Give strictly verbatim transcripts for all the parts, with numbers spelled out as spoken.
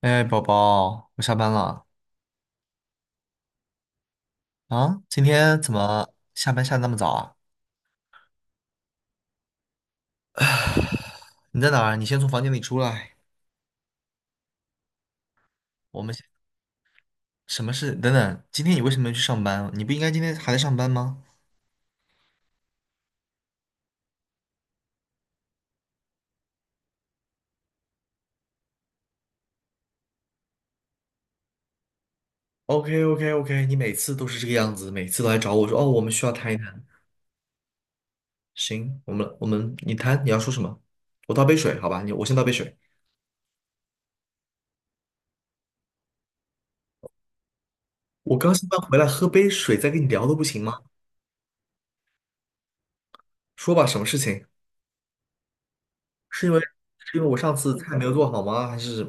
哎，宝宝，我下班了啊！今天怎么下班下得那么早啊？你在哪儿？你先从房间里出来。我们先什么事？等等，今天你为什么要去上班？你不应该今天还在上班吗？OK OK OK，你每次都是这个样子，每次都来找我说哦，我们需要谈一谈。行，我们我们你谈，你要说什么？我倒杯水，好吧？你我先倒杯水。我刚下班回来，喝杯水再跟你聊都不行吗？说吧，什么事情？是因为是因为我上次菜没有做好吗？还是？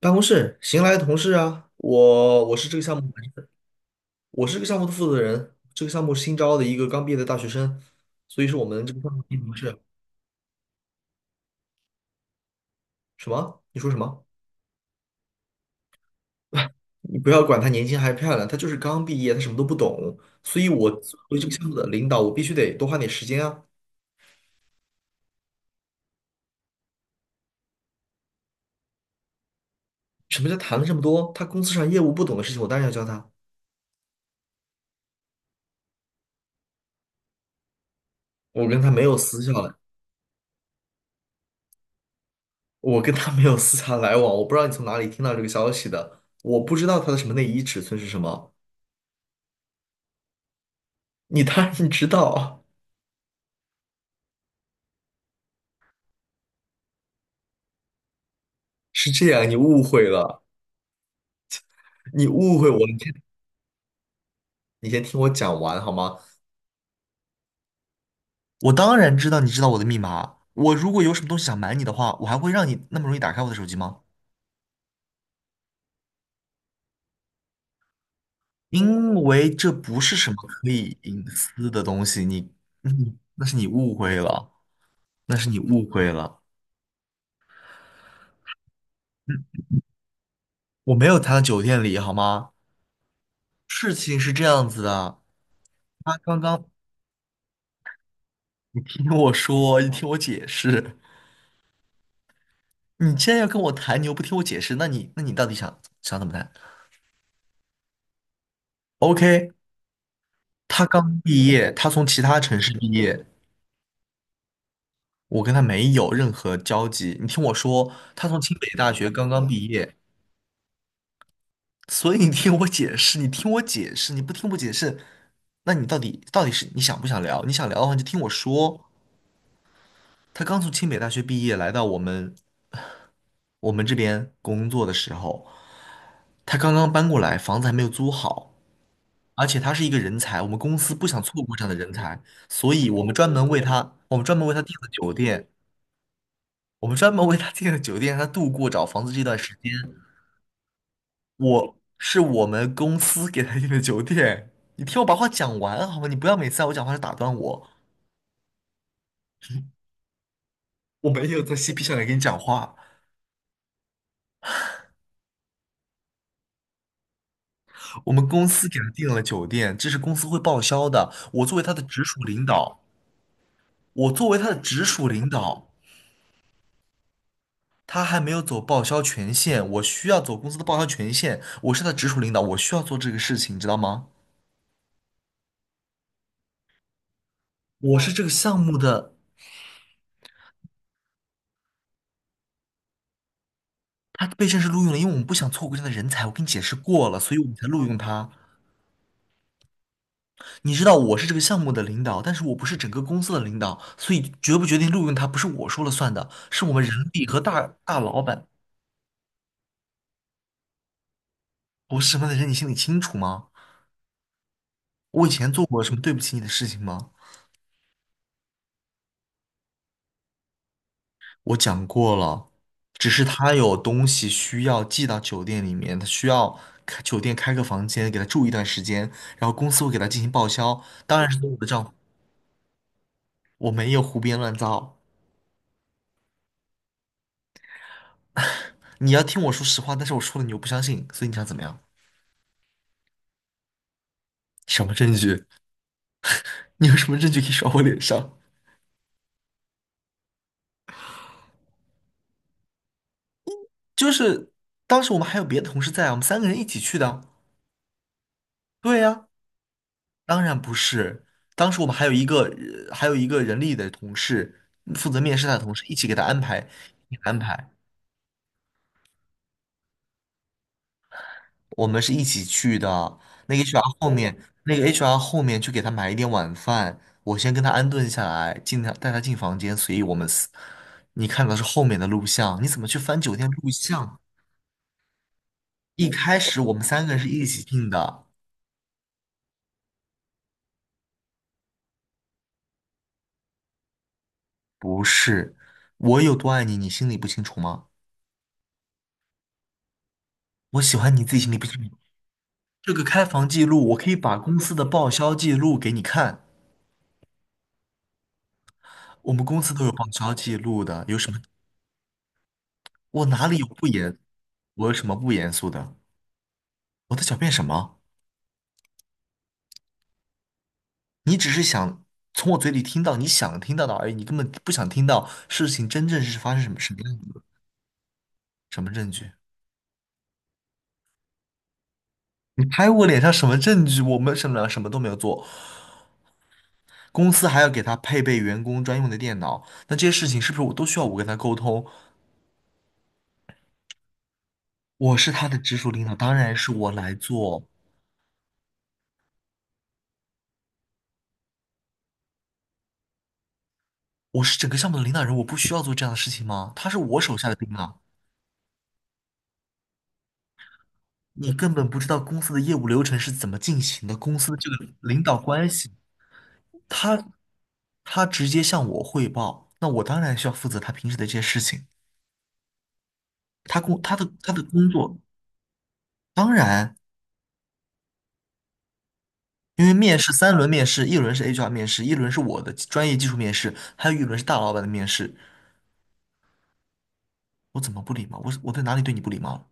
办公室新来的同事啊，我我是这个项目，我是这个项目的负责人，这个项目新招的一个刚毕业的大学生，所以是我们这个项目的新同事。什么？你说什么？你不要管他年轻还是漂亮，他就是刚毕业，他什么都不懂，所以我作为这个项目的领导，我必须得多花点时间啊。什么叫谈了这么多？他公司上业务不懂的事情，我当然要教他。我跟他没有私下来，我跟他没有私下来往，我不知道你从哪里听到这个消息的，我不知道他的什么内衣尺寸是什么，你当然知道。是这样，你误会了，你误会我了你先你先听我讲完好吗？我当然知道你知道我的密码。我如果有什么东西想瞒你的话，我还会让你那么容易打开我的手机吗？因为这不是什么可以隐私的东西，你，你那是你误会了，那是你误会了。我没有谈的酒店里，好吗？事情是这样子的，他刚刚你听我说，你听我解释，你既然要跟我谈，你又不听我解释，那你那你到底想想怎么谈？OK，他刚毕业，他从其他城市毕业，我跟他没有任何交集。你听我说，他从清北大学刚刚毕业，所以你听我解释，你听我解释，你不听我解释，那你到底到底是你想不想聊？你想聊的话，你就听我说。他刚从清北大学毕业，来到我们我们这边工作的时候，他刚刚搬过来，房子还没有租好，而且他是一个人才，我们公司不想错过这样的人才，所以我们专门为他，我们专门为他订了酒店。我们专门为他订了酒店，让他度过找房子这段时间。我是我们公司给他订的酒店。你听我把话讲完好吗？你不要每次在我讲话时打断我。我没有在嬉皮笑脸跟你讲话。我们公司给他订了酒店，这是公司会报销的。我作为他的直属领导，我作为他的直属领导，他还没有走报销权限，我需要走公司的报销权限。我是他的直属领导，我需要做这个事情，你知道吗？我是这个项目的。他被正式录用了，因为我们不想错过这样的人才，我跟你解释过了，所以我们才录用他。你知道我是这个项目的领导，但是我不是整个公司的领导，所以决不决定录用他不是我说了算的，是我们人力和大大老板我是什么的人，你心里清楚吗？我以前做过什么对不起你的事情吗？我讲过了，只是他有东西需要寄到酒店里面，他需要开酒店开个房间给他住一段时间，然后公司会给他进行报销，当然是对我的账户，我没有胡编乱造。你要听我说实话，但是我说了你又不相信，所以你想怎么样？什么证据？你有什么证据可以甩我脸上？就是当时我们还有别的同事在啊，我们三个人一起去的啊对呀，当然不是。当时我们还有一个呃还有一个人力的同事负责面试他的同事，一起给他安排，一起安排。我们是一起去的。那个 H R 后面，那个 H R 后面去给他买一点晚饭，我先跟他安顿下来，进他带他进房间，所以我们四，你看到是后面的录像，你怎么去翻酒店录像？一开始我们三个人是一起进的，不是。我有多爱你，你心里不清楚吗？我喜欢你自己心里不清楚。这个开房记录，我可以把公司的报销记录给你看，我们公司都有报销记录的，有什么？我哪里有不严？我有什么不严肃的？我在狡辩什么？你只是想从我嘴里听到你想听到的而已，你根本不想听到事情真正是发生什么什么样子的。什么证据？你拍我脸上什么证据？我们什么什么都没有做，公司还要给他配备员工专用的电脑，那这些事情是不是我都需要我跟他沟通？我是他的直属领导，当然是我来做。我是整个项目的领导人，我不需要做这样的事情吗？他是我手下的兵啊，你根本不知道公司的业务流程是怎么进行的，公司的这个领导关系。他他直接向我汇报，那我当然需要负责他平时的这些事情。他工他的他的工作，当然，因为面试三轮面试，一轮是 H R 面试，一轮是我的专业技术面试，还有一轮是大老板的面试。我怎么不礼貌？我我在哪里对你不礼貌了？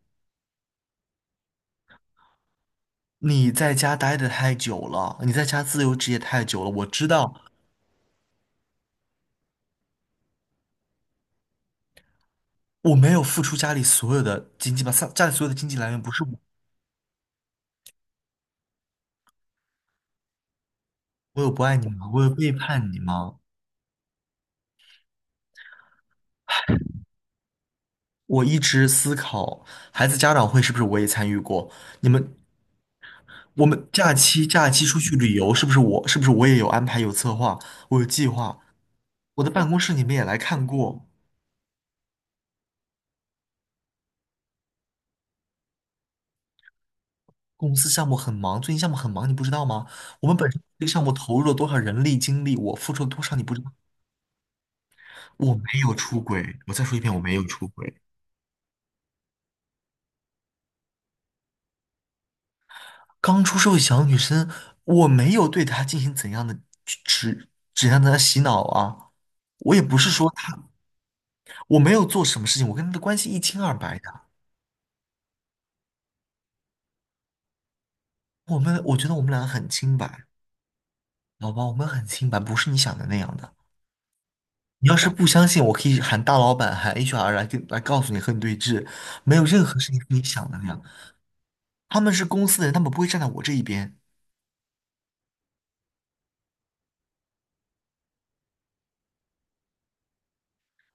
你在家待的太久了，你在家自由职业太久了。我知道我没有付出家里所有的经济吧，家家里所有的经济来源不是我，我有不爱你吗？我有背叛你吗？我一直思考，孩子家长会是不是我也参与过？你们我们假期假期出去旅游，是不是我是不是我也有安排有策划，我有计划。我的办公室你们也来看过，公司项目很忙，最近项目很忙，你不知道吗？我们本身这个项目投入了多少人力精力，我付出了多少，你不知道。我没有出轨，我再说一遍，我没有出轨。刚出社会小女生，我没有对她进行怎样的指怎样的洗脑啊，我也不是说她，我没有做什么事情，我跟她的关系一清二白的。我们我觉得我们俩很清白。老板，我们很清白，不是你想的那样的。你要是不相信，我可以喊大老板，喊 H R 来跟来告诉你和你对峙，没有任何事情是你想的那样。他们是公司的人，他们不会站在我这一边，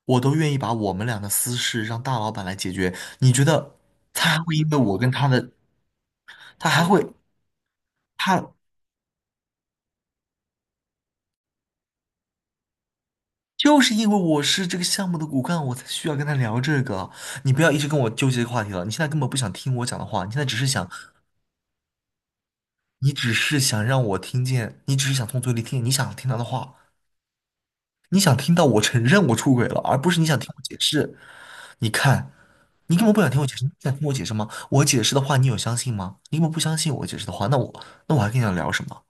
我都愿意把我们俩的私事让大老板来解决。你觉得他还会因为我跟他的，他还会，他就是因为我是这个项目的骨干，我才需要跟他聊这个。你不要一直跟我纠结这个话题了，你现在根本不想听我讲的话，你现在只是想，你只是想让我听见，你只是想从嘴里听你想听到的话。你想听到我承认我出轨了，而不是你想听我解释。你看，你根本不想听我解释，你想听我解释吗？我解释的话，你有相信吗？你根本不相信我解释的话，那我那我还跟你聊什么？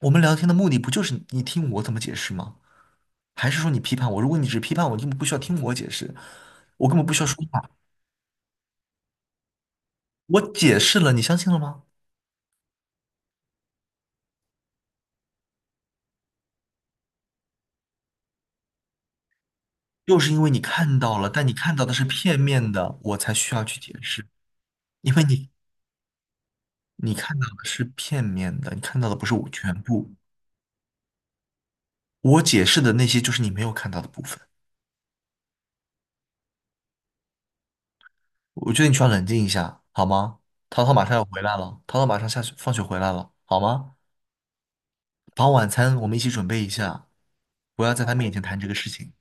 我们聊天的目的不就是你听我怎么解释吗？还是说你批判我？如果你只批判我，你根本不需要听我解释，我根本不需要说话。我解释了，你相信了吗？又是因为你看到了，但你看到的是片面的，我才需要去解释，因为你你看到的是片面的，你看到的不是我全部。我解释的那些就是你没有看到的部分。我觉得你需要冷静一下，好吗？淘淘马上要回来了，淘淘马上下学放学回来了，好吗？把晚餐我们一起准备一下，不要在他面前谈这个事情。